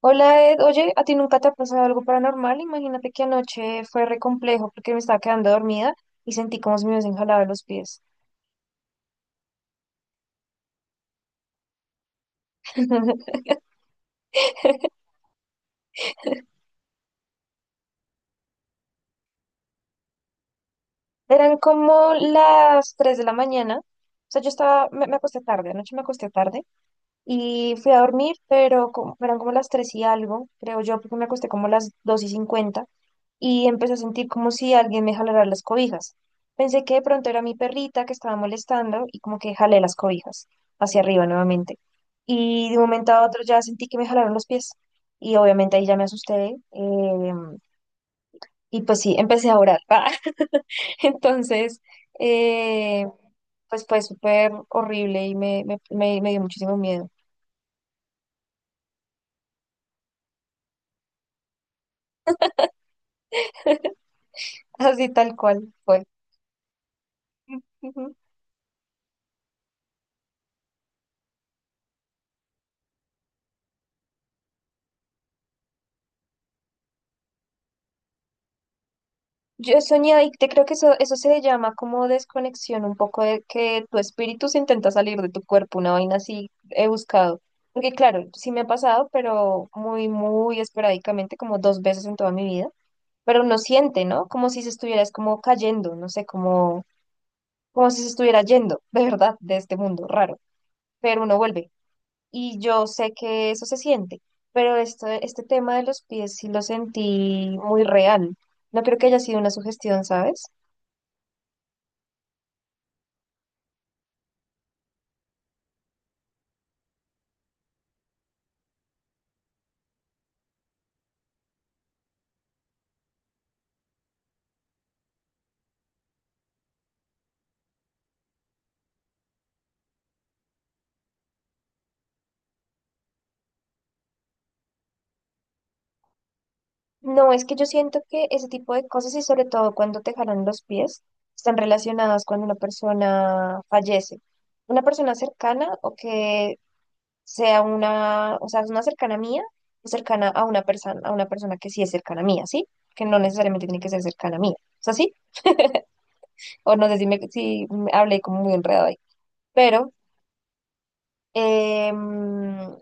Hola Ed, oye, ¿a ti nunca te ha pasado algo paranormal? Imagínate que anoche fue re complejo porque me estaba quedando dormida y sentí como si me hubiesen jalado los pies. Eran como las 3 de la mañana, o sea, yo estaba, me acosté tarde, anoche me acosté tarde. Y fui a dormir, pero eran como las 3 y algo, creo yo, porque me acosté como las 2:50 y empecé a sentir como si alguien me jalara las cobijas. Pensé que de pronto era mi perrita que estaba molestando y como que jalé las cobijas hacia arriba nuevamente. Y de un momento a otro ya sentí que me jalaron los pies y obviamente ahí ya me asusté, y pues sí, empecé a orar. Entonces, eh, pues fue súper horrible y me dio muchísimo miedo. Así tal cual fue. Ujú. Yo soñé y te creo que eso se llama como desconexión, un poco de que tu espíritu se intenta salir de tu cuerpo, una vaina así he buscado. Porque claro, sí me ha pasado, pero muy esporádicamente, como 2 veces en toda mi vida. Pero uno siente, ¿no? Como si se estuvieras como cayendo, no sé, como, como si se estuviera yendo, de verdad, de este mundo, raro. Pero uno vuelve. Y yo sé que eso se siente, pero este tema de los pies sí lo sentí muy real. No creo que haya sido una sugestión, ¿sabes? No, es que yo siento que ese tipo de cosas y sobre todo cuando te jalan los pies están relacionadas cuando una persona fallece. Una persona cercana o que sea una, o sea, es una cercana mía o cercana a una persona que sí es cercana mía, ¿sí? Que no necesariamente tiene que ser cercana mía. ¿Es así? O no sé si, si me hablé como muy enredado ahí. Pero em,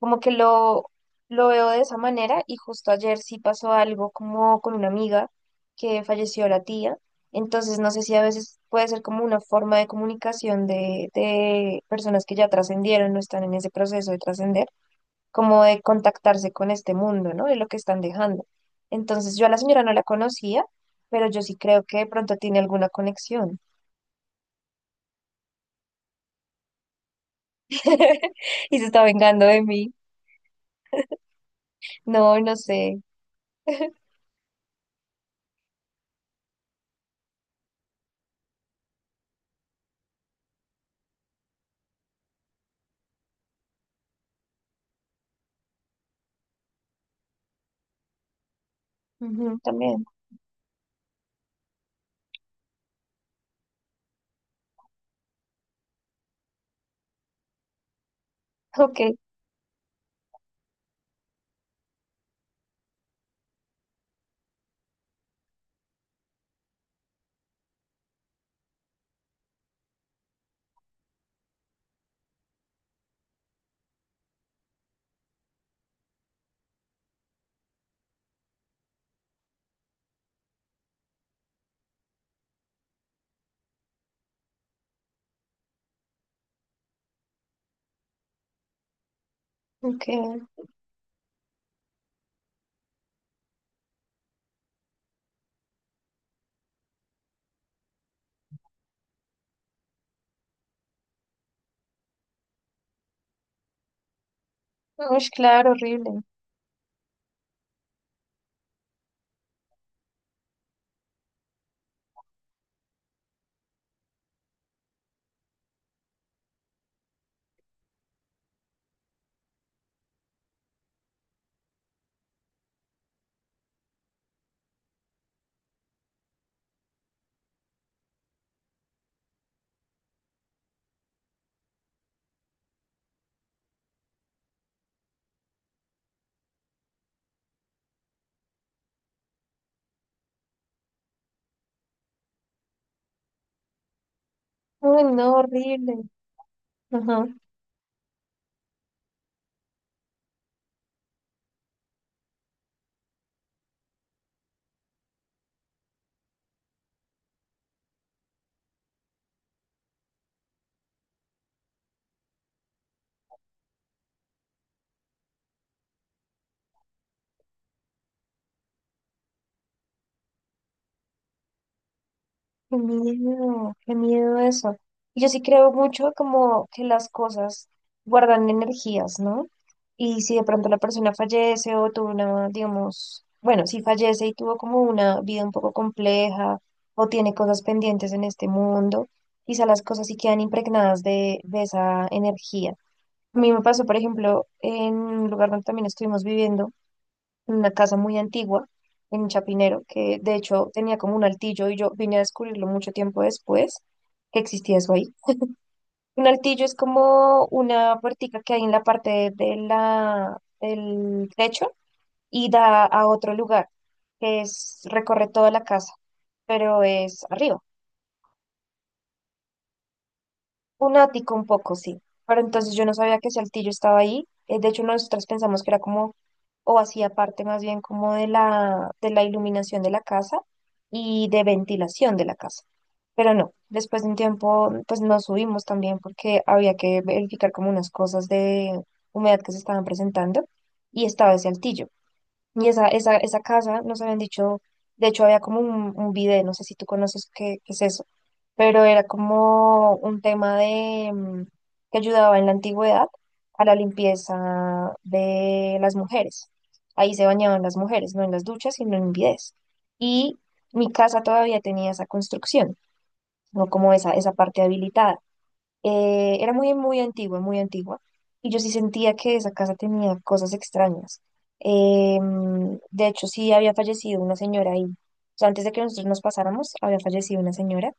como que lo veo de esa manera y justo ayer sí pasó algo como con una amiga que falleció la tía. Entonces no sé si a veces puede ser como una forma de comunicación de personas que ya trascendieron, no están en ese proceso de trascender, como de contactarse con este mundo, ¿no? De lo que están dejando. Entonces yo a la señora no la conocía, pero yo sí creo que de pronto tiene alguna conexión y se está vengando de mí. No, no sé. Ujú, también. Ok, ok. Uy, claro, horrible. Uy, no, horrible. Ajá, qué miedo eso. Y yo sí creo mucho como que las cosas guardan energías, ¿no? Y si de pronto la persona fallece o tuvo una, digamos, bueno, si fallece y tuvo como una vida un poco compleja o tiene cosas pendientes en este mundo, quizá las cosas sí quedan impregnadas de esa energía. A mí me pasó, por ejemplo, en un lugar donde también estuvimos viviendo, en una casa muy antigua en Chapinero, que de hecho tenía como un altillo y yo vine a descubrirlo mucho tiempo después que existía eso ahí. Un altillo es como una puertica que hay en la parte de del techo y da a otro lugar, que es, recorre toda la casa, pero es arriba. Un ático un poco, sí. Pero entonces yo no sabía que Saltillo estaba ahí. De hecho, nosotros pensamos que era como, o hacía parte más bien como de de la iluminación de la casa y de ventilación de la casa. Pero no, después de un tiempo, pues nos subimos también porque había que verificar como unas cosas de humedad que se estaban presentando y estaba ese altillo. Y esa casa nos habían dicho, de hecho había como un video, no sé si tú conoces qué, qué es eso, pero era como un tema de que ayudaba en la antigüedad a la limpieza de las mujeres. Ahí se bañaban las mujeres, no en las duchas, sino en bidés. Y mi casa todavía tenía esa construcción, no como esa parte habilitada. Era muy antigua, muy antigua. Y yo sí sentía que esa casa tenía cosas extrañas. Em, de hecho, sí había fallecido una señora ahí. O sea, antes de que nosotros nos pasáramos, había fallecido una señora.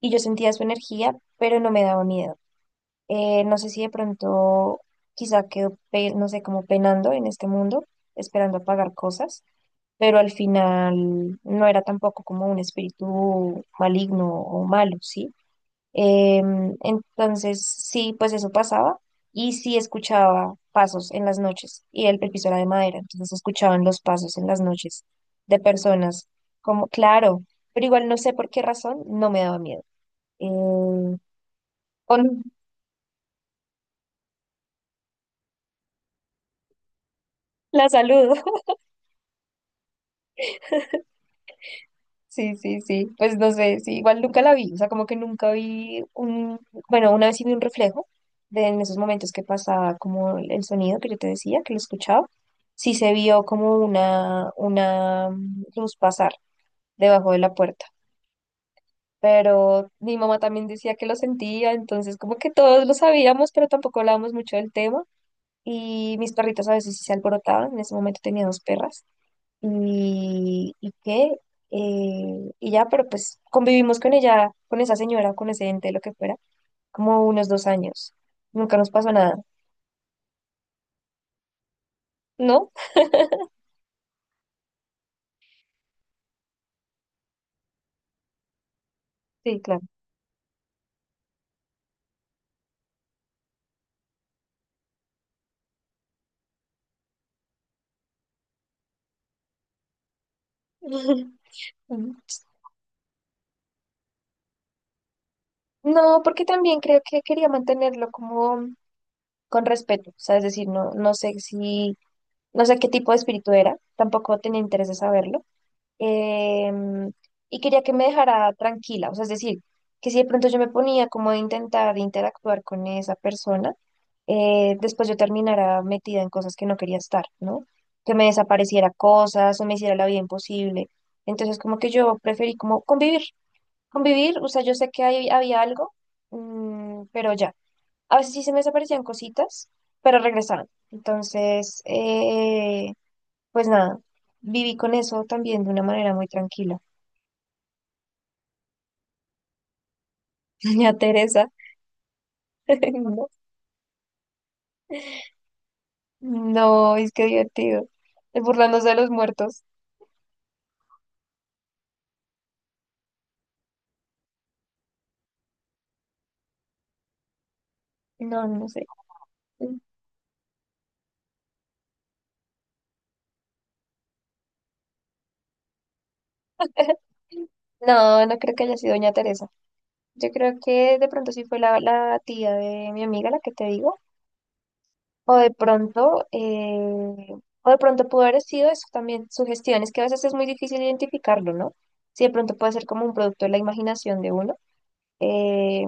Y yo sentía su energía, pero no me daba miedo. No sé si de pronto quizá quedó, no sé, como penando en este mundo, esperando a pagar cosas. Pero al final no era tampoco como un espíritu maligno o malo, ¿sí? Em, entonces, sí, pues eso pasaba y sí escuchaba pasos en las noches y el piso era de madera, entonces escuchaban los pasos en las noches de personas, como, claro, pero igual no sé por qué razón no me daba miedo. Eh, o la salud. Sí, sí, sí. Pues no sé, sí, igual nunca la vi. O sea, como que nunca vi un, bueno, una vez sí vi un reflejo de en esos momentos que pasaba como el sonido que yo te decía, que lo escuchaba. Sí se vio como una luz pasar debajo de la puerta. Pero mi mamá también decía que lo sentía, entonces como que todos lo sabíamos, pero tampoco hablábamos mucho del tema. Y mis perritos a veces sí se alborotaban. En ese momento tenía dos perras y, y qué, y ya, pero pues convivimos con ella, con esa señora, con ese ente, lo que fuera, como unos 2 años. Nunca nos pasó nada, ¿no? Sí, claro. No, porque también creo que quería mantenerlo como con respeto, o sea, es decir, no, no sé si, no sé qué tipo de espíritu era, tampoco tenía interés de saberlo, em, y quería que me dejara tranquila, o sea, es decir, que si de pronto yo me ponía como a intentar interactuar con esa persona, después yo terminara metida en cosas que no quería estar, ¿no? Que me desapareciera cosas o me hiciera la vida imposible. Entonces, como que yo preferí como convivir, convivir, o sea, yo sé que había algo, mm, pero ya. A veces sí se me desaparecían cositas, pero regresaban. Entonces, pues nada, viví con eso también de una manera muy tranquila. Doña Teresa. No, no, es que divertido. El burlándose de los muertos. No, no sé. No, no creo que haya sido Doña Teresa. Yo creo que de pronto sí fue la tía de mi amiga la que te digo. O de pronto, eh, o de pronto pudo haber sido eso también, sugestiones, que a veces es muy difícil identificarlo, ¿no? Si de pronto puede ser como un producto de la imaginación de uno, eh,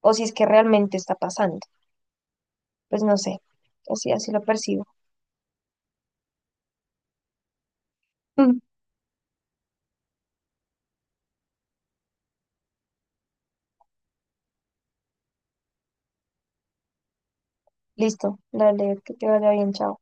o si es que realmente está pasando. Pues no sé, así, así lo percibo. Listo, dale, que te vaya bien, chao.